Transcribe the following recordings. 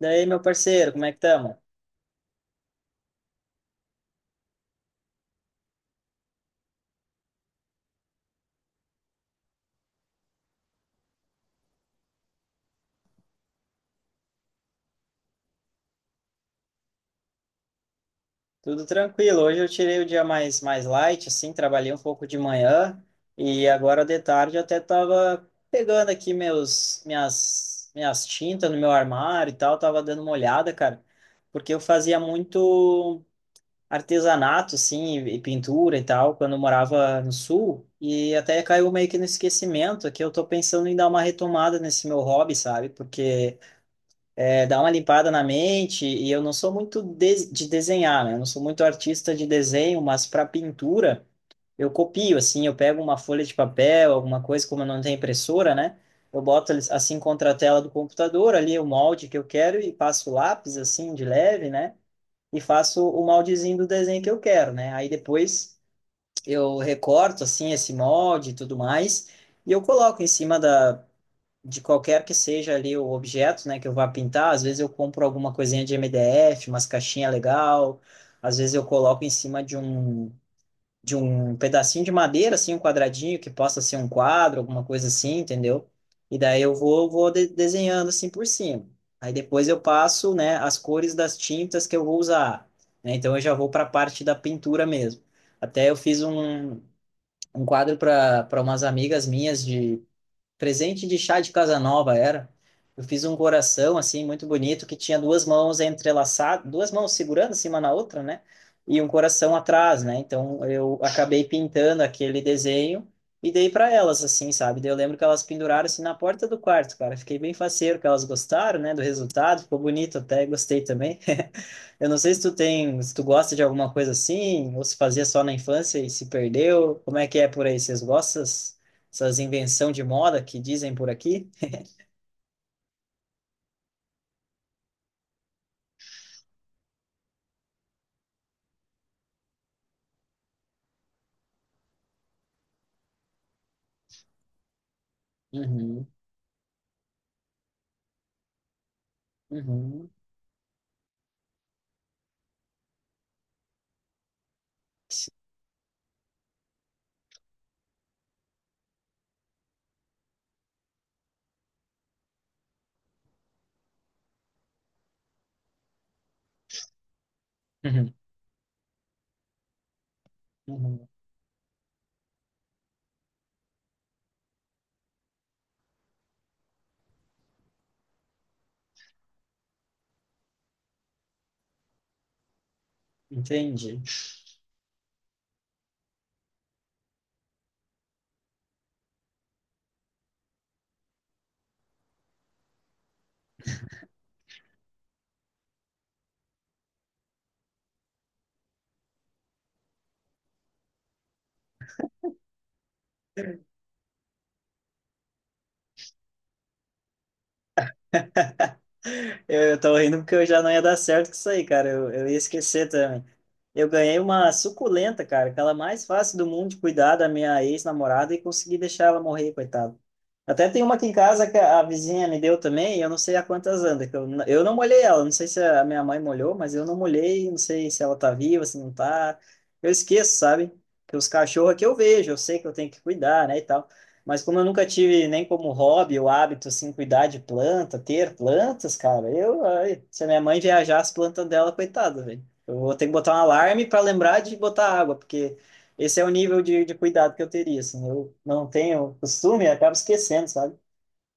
Daí, meu parceiro, como é que estamos? Tudo tranquilo. Hoje eu tirei o dia mais light, assim, trabalhei um pouco de manhã e agora de tarde eu até tava pegando aqui minhas tintas no meu armário e tal, tava dando uma olhada, cara, porque eu fazia muito artesanato, assim, e pintura e tal, quando eu morava no sul e até caiu meio que no esquecimento, que eu tô pensando em dar uma retomada nesse meu hobby, sabe? Porque dá uma limpada na mente, e eu não sou muito de desenhar, né? Eu não sou muito artista de desenho, mas para pintura eu copio, assim, eu pego uma folha de papel, alguma coisa, como eu não tenho impressora, né? Eu boto eles, assim contra a tela do computador, ali o molde que eu quero e passo o lápis, assim, de leve, né? E faço o moldezinho do desenho que eu quero, né? Aí depois eu recorto, assim, esse molde e tudo mais, e eu coloco em cima da de qualquer que seja ali o objeto, né, que eu vá pintar. Às vezes eu compro alguma coisinha de MDF, umas caixinhas legal, às vezes eu coloco em cima de um pedacinho de madeira, assim, um quadradinho que possa ser um quadro, alguma coisa assim, entendeu? E daí eu vou desenhando assim por cima. Aí depois eu passo, né, as cores das tintas que eu vou usar, né? Então eu já vou para a parte da pintura mesmo. Até eu fiz um quadro para umas amigas minhas de presente de chá de Casanova era. Eu fiz um coração assim muito bonito que tinha duas mãos entrelaçadas, duas mãos segurando assim uma na outra, né? E um coração atrás, né? Então eu acabei pintando aquele desenho e dei para elas assim, sabe? Daí eu lembro que elas penduraram assim na porta do quarto, cara. Fiquei bem faceiro que elas gostaram, né, do resultado, ficou bonito até, gostei também. Eu não sei se tu tem, se tu gosta de alguma coisa assim, ou se fazia só na infância e se perdeu. Como é que é por aí? Vocês gostam dessas invenção de moda que dizem por aqui? Uhum, uhum, uhum, uhum. Entendi. Eu tô rindo porque eu já não ia dar certo com isso aí, cara. Eu ia esquecer também. Eu ganhei uma suculenta, cara, aquela mais fácil do mundo de cuidar da minha ex-namorada e consegui deixar ela morrer, coitado. Até tem uma aqui em casa que a vizinha me deu também, e eu não sei há quantas anda, que eu não molhei ela, não sei se a minha mãe molhou, mas eu não molhei, não sei se ela tá viva, se não tá. Eu esqueço, sabe? Que os cachorros é que eu vejo, eu sei que eu tenho que cuidar, né, e tal. Mas como eu nunca tive nem como hobby o hábito, assim, cuidar de planta, ter plantas, cara, eu, ai, se a minha mãe viajar as plantas dela, coitada, velho. Eu vou ter que botar um alarme para lembrar de botar água, porque esse é o nível de cuidado que eu teria, assim. Eu não tenho costume, eu acabo esquecendo, sabe?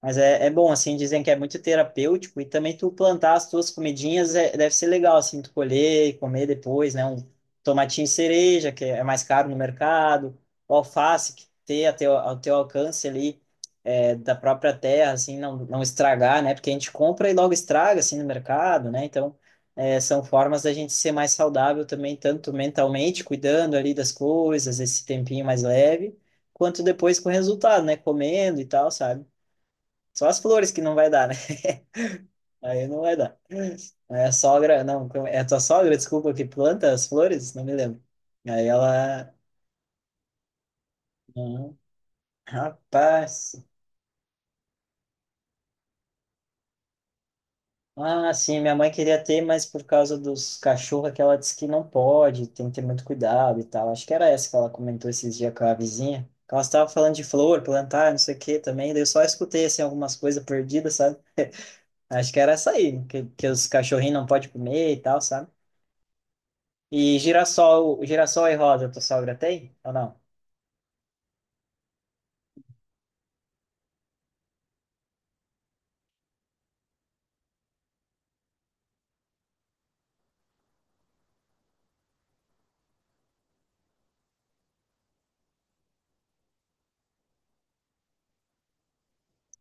Mas é bom, assim, dizem que é muito terapêutico e também tu plantar as tuas comidinhas é, deve ser legal, assim, tu colher e comer depois, né? Um tomatinho cereja, que é mais caro no mercado, o alface, que ter a teu, ao teu alcance ali é, da própria terra, assim, não estragar, né? Porque a gente compra e logo estraga, assim, no mercado, né? Então, é, são formas da gente ser mais saudável também, tanto mentalmente, cuidando ali das coisas, esse tempinho mais leve, quanto depois com o resultado, né? Comendo e tal, sabe? Só as flores que não vai dar, né? Aí não vai dar. É a sogra, não, é a tua sogra, desculpa, que planta as flores? Não me lembro. Aí ela, "Hum, rapaz, ah, sim, minha mãe queria ter, mas por causa dos cachorros que ela disse que não pode, tem que ter muito cuidado e tal. Acho que era essa que ela comentou esses dias com a vizinha. Que ela estava falando de flor, plantar, não sei o que também, daí eu só escutei, assim, algumas coisas perdidas, sabe? Acho que era essa aí, que os cachorrinhos não podem comer e tal, sabe? E girassol, girassol e rosa, tua sogra tem ou não?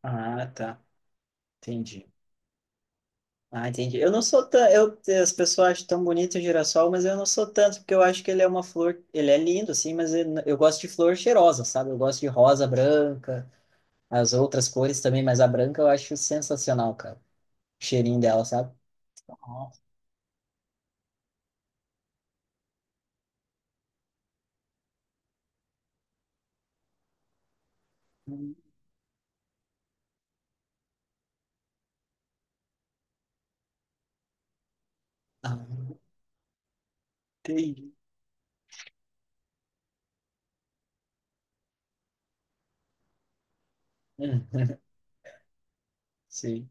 Ah, tá. Entendi. Ah, entendi. Eu não sou tão, eu, as pessoas acham tão bonito o girassol, mas eu não sou tanto, porque eu acho que ele é uma flor, ele é lindo, assim, mas eu gosto de flor cheirosa, sabe? Eu gosto de rosa, branca, as outras cores também, mas a branca eu acho sensacional, cara. O cheirinho dela, sabe? Nossa. Ah, entendi. Hum, Sim.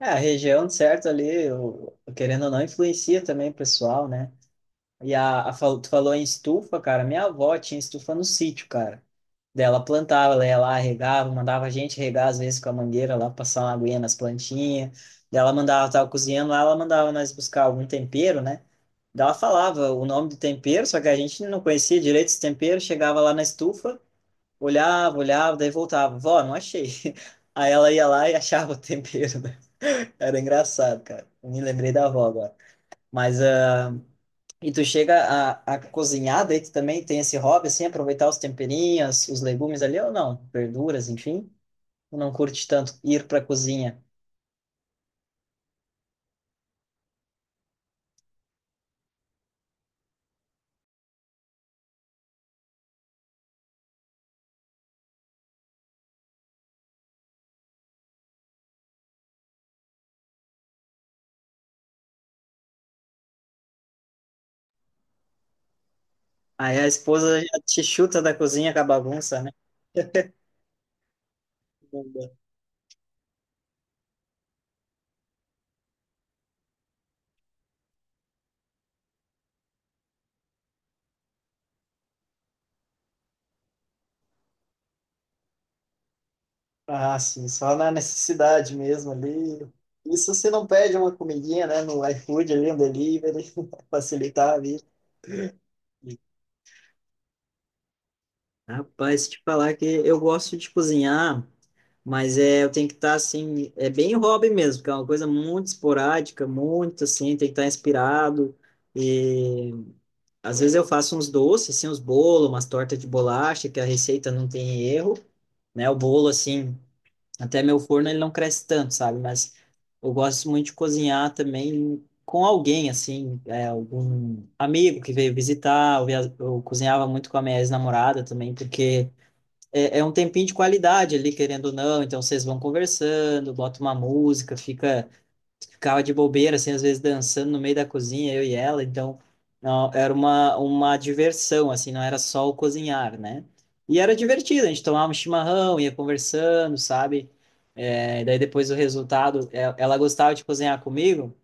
É, a região, certo, ali, eu, querendo ou não, influencia também o pessoal, né? E tu falou em estufa, cara. Minha avó tinha estufa no sítio, cara. Dela plantava, ela ia lá, regava, mandava a gente regar às vezes com a mangueira lá, passar uma aguinha nas plantinhas. Dela mandava, tava cozinhando lá, ela mandava nós buscar algum tempero, né? Daí ela falava o nome do tempero, só que a gente não conhecia direito esse tempero. Chegava lá na estufa, olhava, olhava, daí voltava. Vó, não achei. Aí ela ia lá e achava o tempero, né? Era engraçado, cara. Me lembrei da avó agora. Mas, ah, e tu chega a cozinhar, daí tu também tem esse hobby, assim, aproveitar os temperinhos, os legumes ali, ou não? Verduras, enfim. Tu não curte tanto ir pra cozinha. Aí a esposa já te chuta da cozinha com a bagunça, né? Não dá. Ah, sim, só na necessidade mesmo ali. Isso se não pede uma comidinha, né, no iFood ali, um delivery, facilitar a vida. Rapaz, te falar que eu gosto de cozinhar. Mas é, eu tenho que estar assim, é bem hobby mesmo, porque é uma coisa muito esporádica, muito assim, tem que estar inspirado. E às vezes eu faço uns doces, assim, uns bolos, umas tortas de bolacha, que a receita não tem erro, né? O bolo, assim, até meu forno ele não cresce tanto, sabe? Mas eu gosto muito de cozinhar também com alguém, assim, é, algum amigo que veio visitar. Eu cozinhava muito com a minha ex-namorada também, porque é um tempinho de qualidade ali, querendo ou não. Então vocês vão conversando, bota uma música, ficava de bobeira, assim, às vezes dançando no meio da cozinha, eu e ela. Então não, era uma diversão, assim, não era só o cozinhar, né? E era divertido, a gente tomava um chimarrão, ia conversando, sabe? É, daí depois o resultado, é, ela gostava de cozinhar comigo.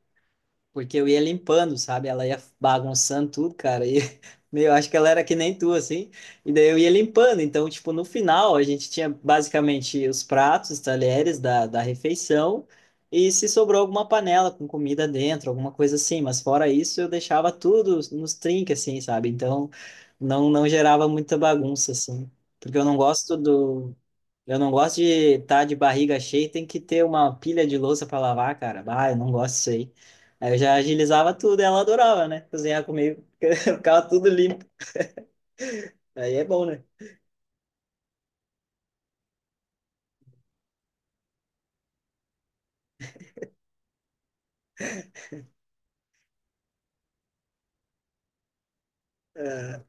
Porque eu ia limpando, sabe? Ela ia bagunçando tudo, cara. E meu, acho que ela era que nem tu, assim. E daí eu ia limpando. Então, tipo, no final, a gente tinha basicamente os pratos, os talheres da refeição. E se sobrou alguma panela com comida dentro, alguma coisa assim. Mas fora isso, eu deixava tudo nos trinques, assim, sabe? Então, não gerava muita bagunça, assim. Porque eu não gosto do. Eu não gosto de estar de barriga cheia e tem que ter uma pilha de louça para lavar, cara. Ah, eu não gosto disso aí. Aí eu já agilizava tudo, ela adorava, né? Cozinhar comigo, ficava tudo limpo. Aí é bom, né? É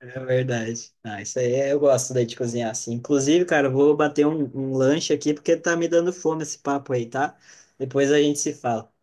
é verdade. Ah, isso aí é- eu gosto daí de cozinhar assim. Inclusive, cara, eu vou bater um lanche aqui porque tá me dando fome esse papo aí, tá? Depois a gente se fala.